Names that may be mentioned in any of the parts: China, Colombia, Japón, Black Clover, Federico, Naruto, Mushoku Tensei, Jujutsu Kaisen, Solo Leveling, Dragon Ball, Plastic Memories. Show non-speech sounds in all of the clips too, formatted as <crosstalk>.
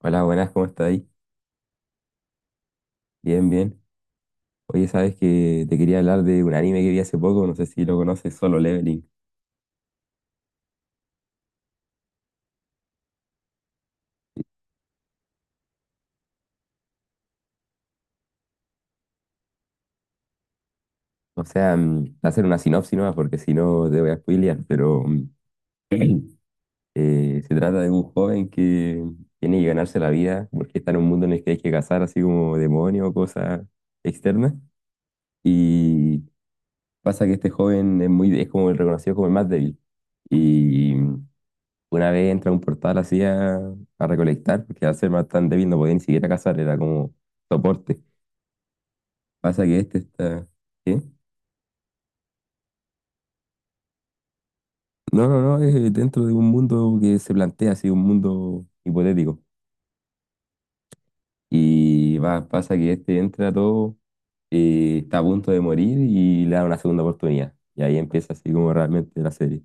Hola, buenas, ¿cómo estás ahí? Bien, bien. Oye, sabes que te quería hablar de un anime que vi hace poco, no sé si lo conoces, Solo Leveling. O sea, hacer una sinopsis nomás, porque si no te voy a spoilear, pero se trata de un joven que tiene que ganarse la vida porque está en un mundo en el que hay que cazar así como demonios o cosas externas. Y pasa que este joven es es como el reconocido como el más débil. Y una vez entra a un portal así a recolectar, porque al ser más tan débil no podía ni siquiera cazar, era como soporte. Pasa que este está... ¿Qué? No, no, no, es dentro de un mundo que se plantea así, un mundo hipotético. Y va, pasa que este entra todo, está a punto de morir y le da una segunda oportunidad. Y ahí empieza así como realmente la serie.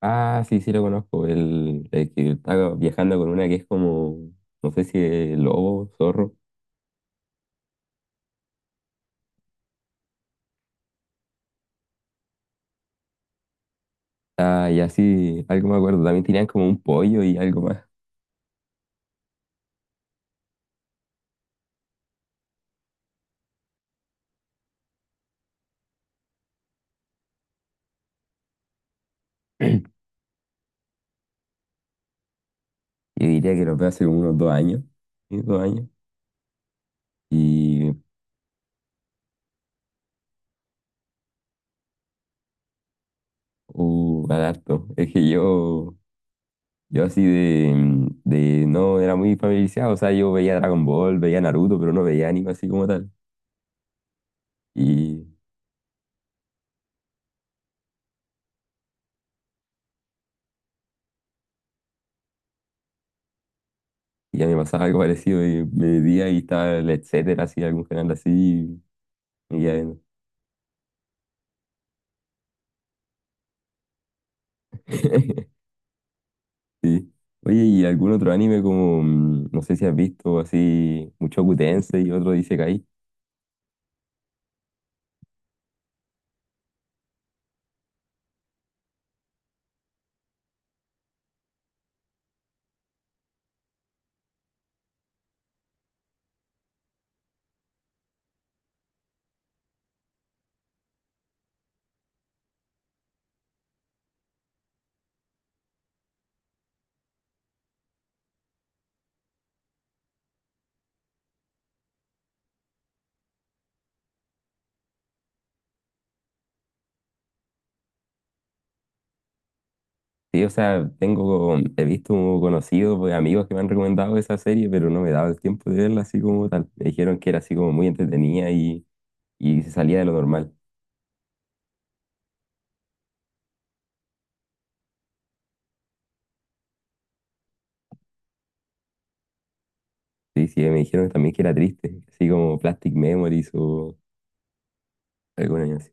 Ah, sí, sí lo conozco, el que está viajando con una que es como, no sé si es lobo, zorro. Ah, y así, algo me acuerdo. También tenían como un pollo y algo más. <clears throat> Yo diría que los veo hace unos 2 años. Sí, 2 años. Y al harto. Es que yo así no era muy familiarizado. O sea, yo veía Dragon Ball, veía Naruto, pero no veía anime así como tal. Y, y ya me pasaba algo <laughs> parecido. Y me metía y estaba el etcétera, así, algún canal así. Y ya, ¿no? <laughs> Sí. Oye, ¿y algún otro anime como, no sé si has visto, así, Mushoku Tensei y otro dice. Sí, o sea, tengo, he visto conocidos, pues, amigos que me han recomendado esa serie, pero no me he dado el tiempo de verla así como tal. Me dijeron que era así como muy entretenida y se salía de lo normal. Sí, sí, me dijeron también que era triste, así como Plastic Memories o alguna cosa así.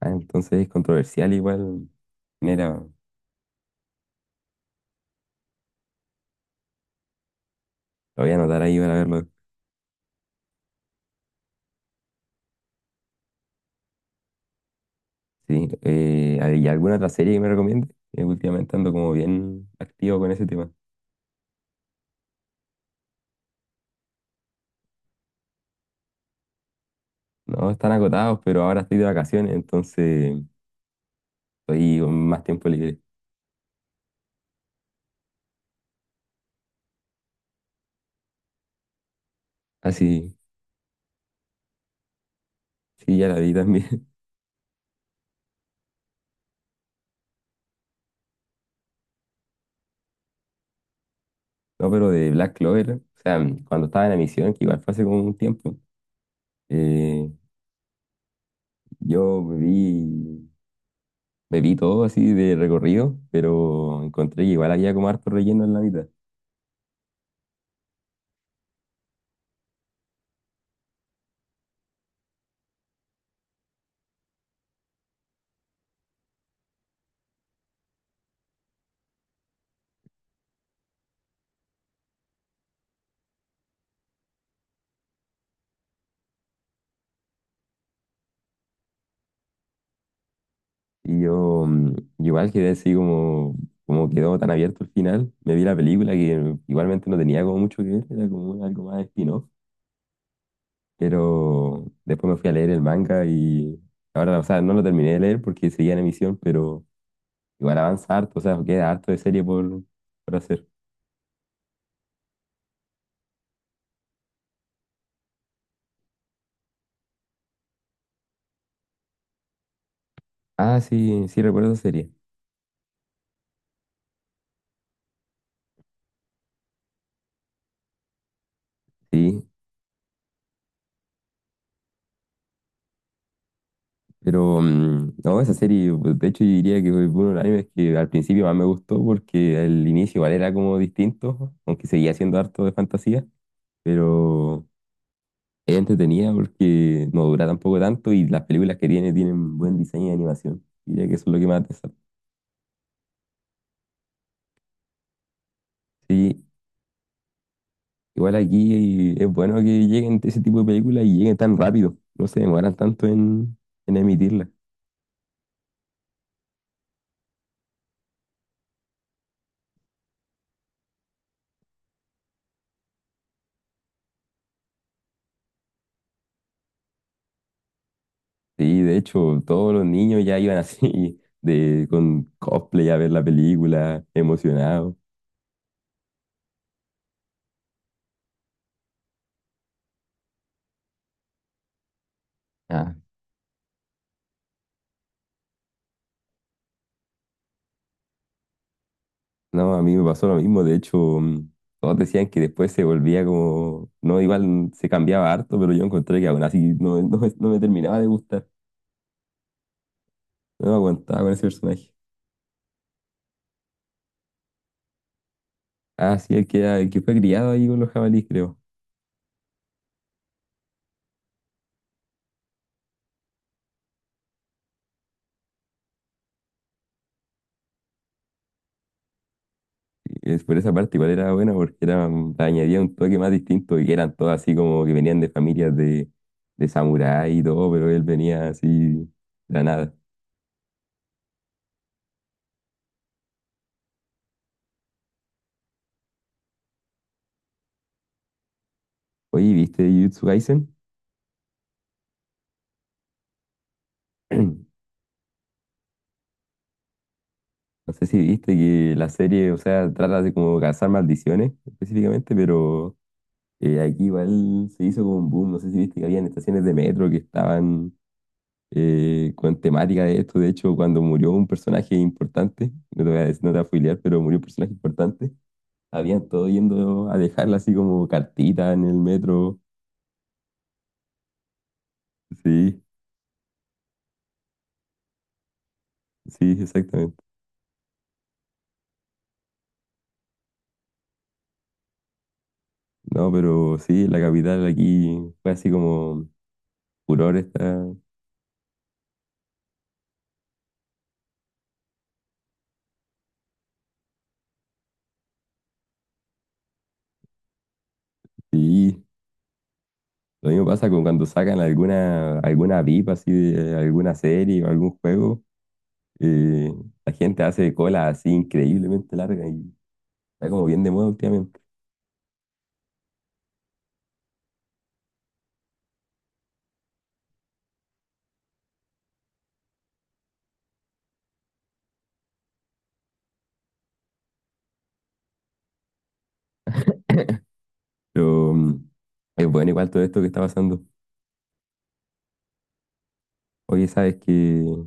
Ah, entonces es controversial igual. Mira, lo voy a anotar ahí para verlo. Sí, ¿hay alguna otra serie que me recomiende? Últimamente ando como bien activo con ese tema. No, están agotados, pero ahora estoy de vacaciones, entonces estoy con más tiempo libre. Ah, sí, sí, ya la vi también. <laughs> No, pero de Black Clover, o sea, cuando estaba en la emisión, que igual fue hace como un tiempo, eh, yo me vi, me vi todo así de recorrido, pero encontré que igual había como harto relleno en la mitad. Y yo igual quedé así como, como quedó tan abierto el final. Me vi la película que igualmente no tenía como mucho que ver, era como un- algo más spin-off. Pero después me fui a leer el manga y ahora, o sea, no lo terminé de leer porque seguía en emisión, pero... Igual avanza harto, o sea, queda harto de serie por hacer. Ah, sí, sí recuerdo esa serie. Sí, pero no, esa serie, pues, de hecho yo diría que fue uno de los animes que al principio más me gustó porque el inicio igual era como distinto, aunque seguía siendo harto de fantasía, pero es entretenida porque no dura tampoco tanto y las películas que tiene tienen buen diseño de animación. Diría que eso es lo que más destaca. Sí, igual aquí es bueno que lleguen ese tipo de películas y lleguen tan rápido, no se demoran tanto en emitirlas. Sí, de hecho, todos los niños ya iban así, <laughs> de, con cosplay a ver la película, emocionados. Ah, no, a mí me pasó lo mismo, de hecho, todos decían que después se volvía como, no, igual se cambiaba harto, pero yo encontré que aún así no, <laughs> no me terminaba de gustar, no me aguantaba con ese personaje. Ah, sí, el que fue criado ahí con los jabalíes, creo. Es por esa parte igual era buena porque era, añadía un toque más distinto y que eran todos así como que venían de familias de samurái y todo, pero él venía así de la nada. Oye, ¿viste Jujutsu Kaisen? <clears throat> No sé si viste que la serie, o sea, trata de como cazar maldiciones específicamente, pero aquí igual se hizo como un boom. No sé si viste que habían estaciones de metro que estaban con temática de esto. De hecho, cuando murió un personaje importante, no te voy a decir- no te voy a spoilear, pero murió un personaje importante. Habían todos yendo a dejarla así como cartita en el metro. Sí, sí, exactamente. No, pero sí, la capital aquí fue así como furor esta. Sí, lo mismo pasa con cuando sacan alguna, alguna VIP así de alguna serie o algún juego. Eh, la gente hace cola así increíblemente larga y está como bien de moda últimamente. Pero es bueno igual todo esto que está pasando. Oye, ¿sabes qué?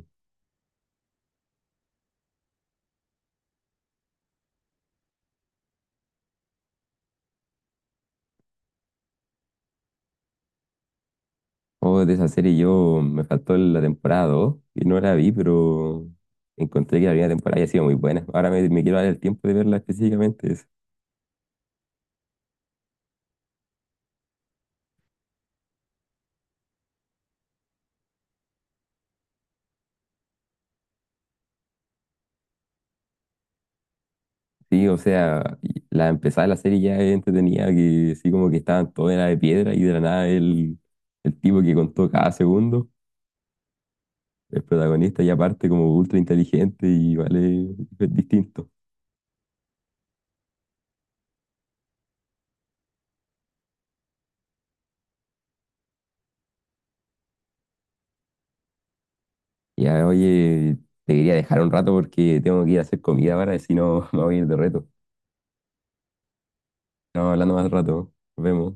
Oh, de esa serie yo me faltó la temporada 2 y no la vi, pero encontré que la primera temporada había sido muy buena. Ahora me quiero dar el tiempo de verla específicamente. Es... Sí, o sea, y la empezada de la serie ya es entretenida, que sí como que estaban todos en la de piedra y de la nada el tipo que contó cada segundo, el protagonista ya aparte como ultra inteligente y vale, es distinto. Ya, oye, te quería dejar un rato porque tengo que ir a hacer comida ahora, si no <laughs> me voy a ir de reto. Estamos hablando más rato, nos vemos.